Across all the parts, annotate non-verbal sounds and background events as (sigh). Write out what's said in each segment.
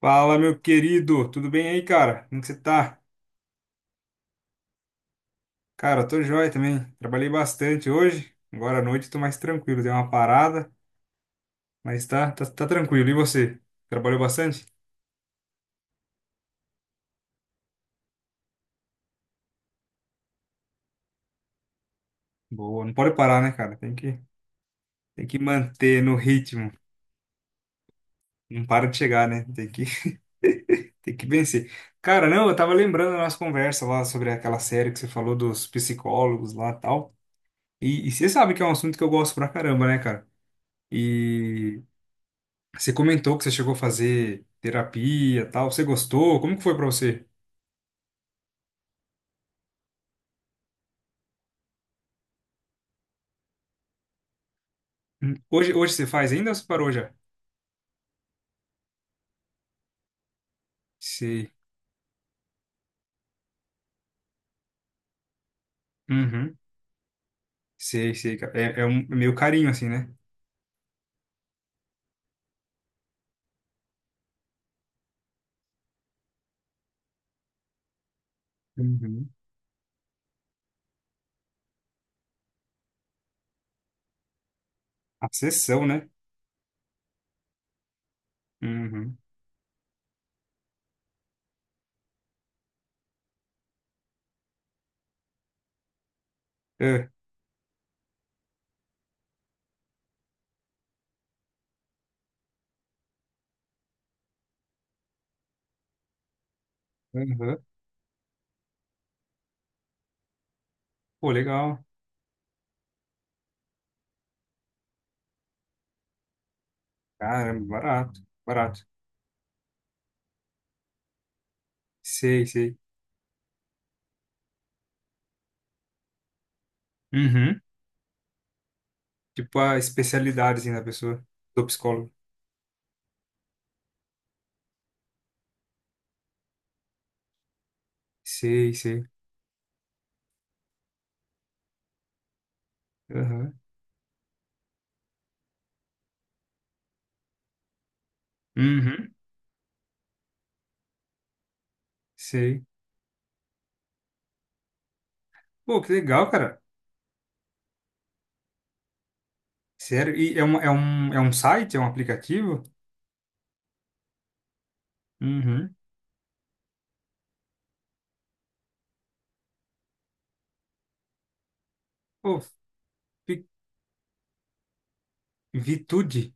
Fala, meu querido, tudo bem aí, cara? Como que você tá? Cara, tô joia também. Trabalhei bastante hoje. Agora à noite tô mais tranquilo, dei uma parada, mas tá tranquilo. E você? Trabalhou bastante? Boa, não pode parar, né, cara? Tem que manter no ritmo. Não para de chegar, né? Tem que, (laughs) tem que vencer. Cara, não, eu tava lembrando da nossa conversa lá sobre aquela série que você falou dos psicólogos lá e tal. E você sabe que é um assunto que eu gosto pra caramba, né, cara? E Você comentou que você chegou a fazer terapia, tal. Você gostou? Como que foi pra você? Hoje, você faz ainda ou você parou já? Sei. Uhum. Sei, sei, cara. É meio carinho assim, né? Uhum. A sessão, né? Uhum. É. Uhum. Pô, legal. Caramba, barato, barato. Sei, sei. Uhum. Tipo a especialidade assim da pessoa, do psicólogo. Sei, sei. Uhum. Uhum. Sei. Pô, que legal, cara. Sério? E é um site? É um aplicativo? Uhum. Pô, vi- Vitude.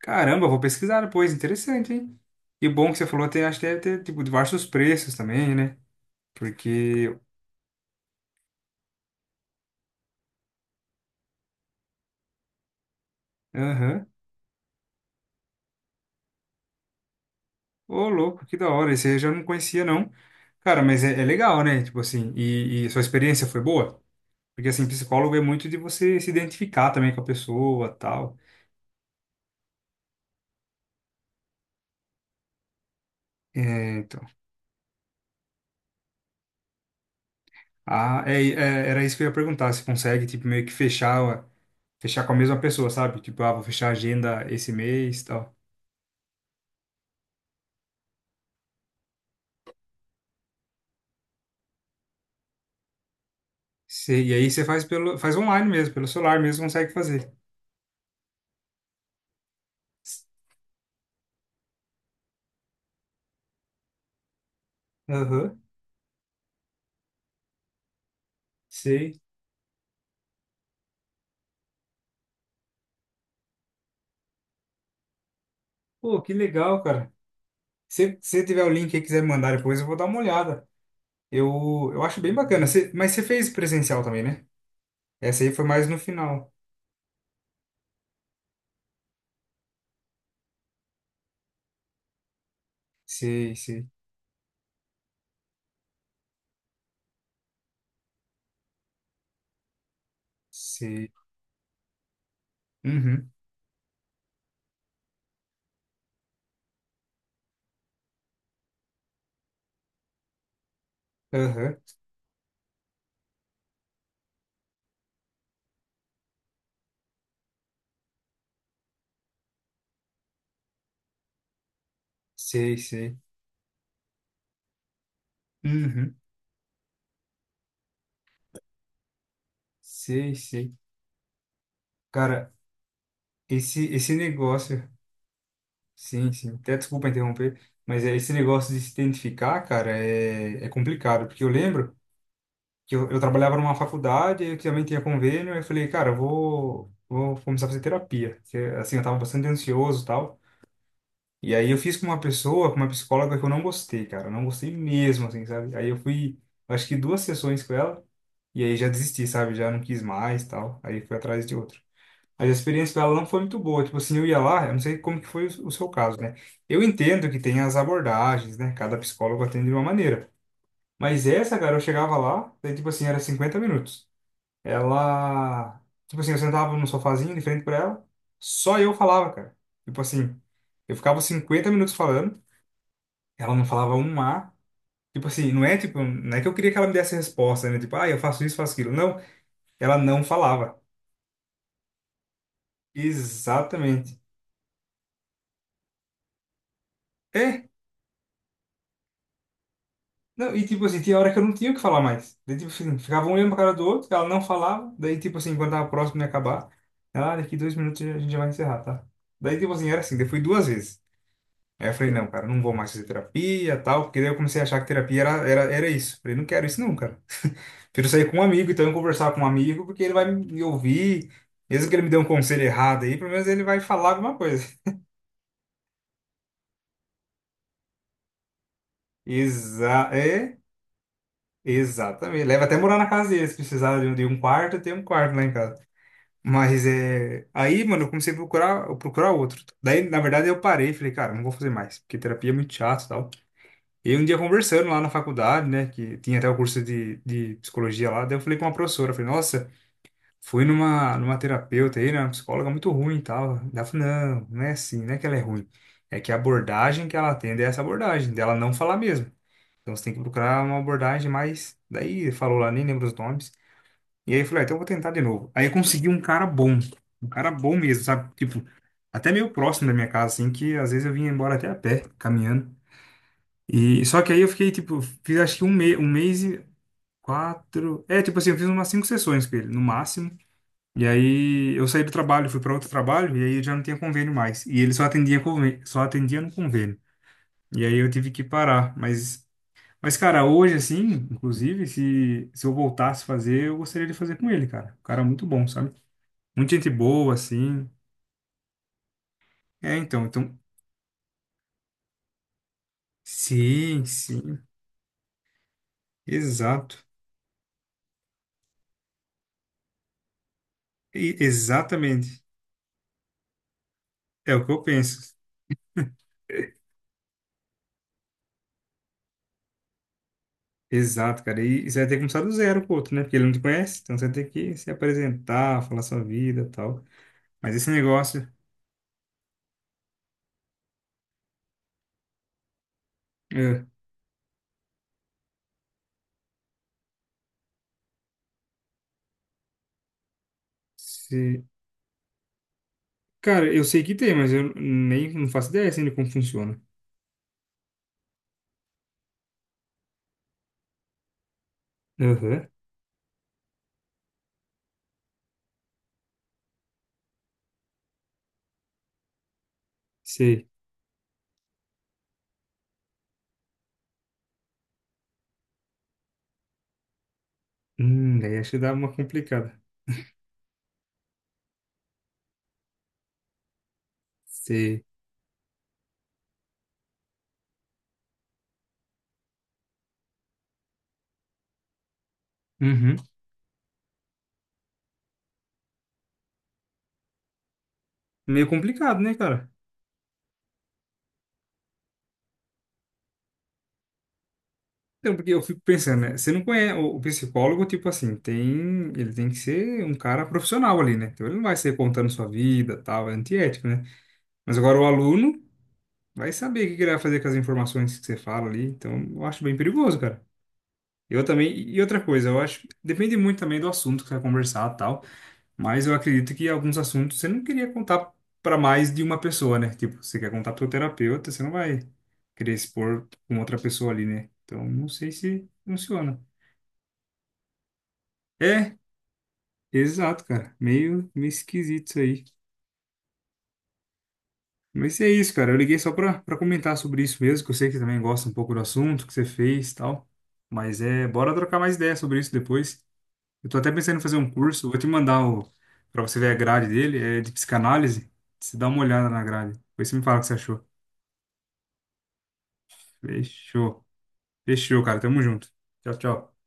Caramba, eu vou pesquisar depois. Interessante, hein? E bom que você falou, tem, acho que deve ter, tipo, diversos preços também, né? Porque... Aham. Ô, louco, que da hora. Esse eu já não conhecia, não. Cara, mas é, é legal, né? Tipo assim, e sua experiência foi boa? Porque, assim, psicólogo é muito de você se identificar também com a pessoa, tal. É, então... Era isso que eu ia perguntar. Se consegue, tipo, meio que fechar... Fechar com a mesma pessoa, sabe? Tipo, ah, vou fechar a agenda esse mês, tal. Sei, e aí você faz pelo, faz online mesmo, pelo celular mesmo consegue fazer. Aham, sei. Pô, que legal, cara. Se você tiver o link e quiser me mandar depois, eu vou dar uma olhada. Eu, eu acho bem bacana. Mas você fez presencial também, né? Essa aí foi mais no final. Sei, sei, sei. Uhum, aham, sei, sei. Uhum, sei, sei. Cara, esse negócio, sim, sim. Até desculpa interromper, mas é, esse negócio de se identificar, cara, é, é complicado, porque eu lembro que eu trabalhava numa faculdade, e que também tinha convênio, aí eu falei, cara, eu vou começar a fazer terapia. Porque, assim, eu tava bastante ansioso e tal. E aí eu fiz com uma pessoa, com uma psicóloga que eu não gostei, cara. Eu não gostei mesmo, assim, sabe? Aí eu fui, acho que duas sessões com ela, e aí já desisti, sabe? Já não quis mais e tal. Aí fui atrás de outro. Mas a experiência com ela não foi muito boa. Tipo assim, eu ia lá, eu não sei como que foi o seu caso, né? Eu entendo que tem as abordagens, né? Cada psicólogo atende de uma maneira. Mas essa, cara, eu chegava lá, daí, tipo assim, era 50 minutos ela. Tipo assim, eu sentava num sofazinho de frente pra ela, só eu falava, cara. Tipo assim, eu ficava 50 minutos falando, ela não falava um A. Tipo assim, não é tipo, não é que eu queria que ela me desse a resposta, né? Tipo, ah, eu faço isso, faço aquilo. Não, ela não falava. Exatamente. É, não, e tipo assim, tinha hora que eu não tinha o que falar mais. Daí, tipo assim, ficava um olhando pra cara do outro, ela não falava, daí, tipo assim, quando tava próximo de acabar, ela, ah, daqui 2 minutos a gente já vai encerrar, tá? Daí, tipo assim, era assim, daí fui duas vezes. Aí eu falei, não, cara, não vou mais fazer terapia tal, porque daí eu comecei a achar que terapia era isso. Falei, não quero isso não, cara. Prefiro sair com um amigo, então eu conversar com um amigo, porque ele vai me ouvir. Mesmo que ele me dê um conselho errado aí, pelo menos ele vai falar alguma coisa. (laughs) Exa é, Exatamente. Leva até morar na casa dele, se precisar de um quarto, tem um quarto lá em casa. Mas é. Aí, mano, eu comecei a procurar, procurar outro. Daí, na verdade, eu parei, e falei, cara, não vou fazer mais, porque terapia é muito chato e tal. E um dia conversando lá na faculdade, né, que tinha até o curso de psicologia lá, daí eu falei com uma professora, eu falei, nossa, fui numa terapeuta aí, né, uma psicóloga muito ruim e tal. Daí ela falou, não, não é assim, não é que ela é ruim, é que a abordagem que ela atende é essa abordagem, dela não falar mesmo. Então você tem que procurar uma abordagem mais. Daí falou lá, nem lembro os nomes. E aí eu falei, ah, então eu vou tentar de novo. Aí eu consegui um cara bom mesmo, sabe? Tipo, até meio próximo da minha casa, assim, que às vezes eu vinha embora até a pé, caminhando. E só que aí eu fiquei, tipo, fiz acho que um, me um mês e quatro. É, tipo assim, eu fiz umas cinco sessões com ele, no máximo. E aí eu saí do trabalho, fui para outro trabalho, e aí eu já não tinha convênio mais. E ele só atendia, só atendia no convênio. E aí eu tive que parar. Mas cara, hoje, assim, inclusive, se eu voltasse a fazer, eu gostaria de fazer com ele, cara. O cara é muito bom, sabe? Muita gente boa, assim. É, então, então. Sim, sim. Exato. Exatamente. É o que eu penso. Exato, cara. E você vai ter que começar do zero com o outro, né? Porque ele não te conhece, então você vai ter que se apresentar, falar sua vida e tal. Mas esse negócio. é, se- Cara, eu sei que tem, mas eu nem não faço ideia assim de como funciona. Aham, sei. Daí acho que dá uma complicada. Sei. Uhum. Meio complicado, né, cara? Então, porque eu fico pensando, né? Você não conhece o psicólogo, tipo assim, tem, ele tem que ser um cara profissional ali, né? Então ele não vai ser contando sua vida, tal, é antiético, né? Mas agora o aluno. Vai saber o que que ele vai fazer com as informações que você fala ali. Então, eu acho bem perigoso, cara. Eu também. E outra coisa, eu acho. Depende muito também do assunto que você vai conversar e tal. Mas eu acredito que alguns assuntos você não queria contar para mais de uma pessoa, né? Tipo, você quer contar pro seu terapeuta, você não vai querer expor com outra pessoa ali, né? Então, não sei se funciona. É, exato, cara. Meio, meio esquisito isso aí. Mas é isso, cara. Eu liguei só pra comentar sobre isso mesmo, que eu sei que você também gosta um pouco do assunto que você fez e tal. Mas é, bora trocar mais ideias sobre isso depois. Eu tô até pensando em fazer um curso, vou te mandar o, pra você ver a grade dele, é de psicanálise. Você dá uma olhada na grade. Depois você me fala o que você achou. Fechou. Fechou, cara. Tamo junto. Tchau, tchau.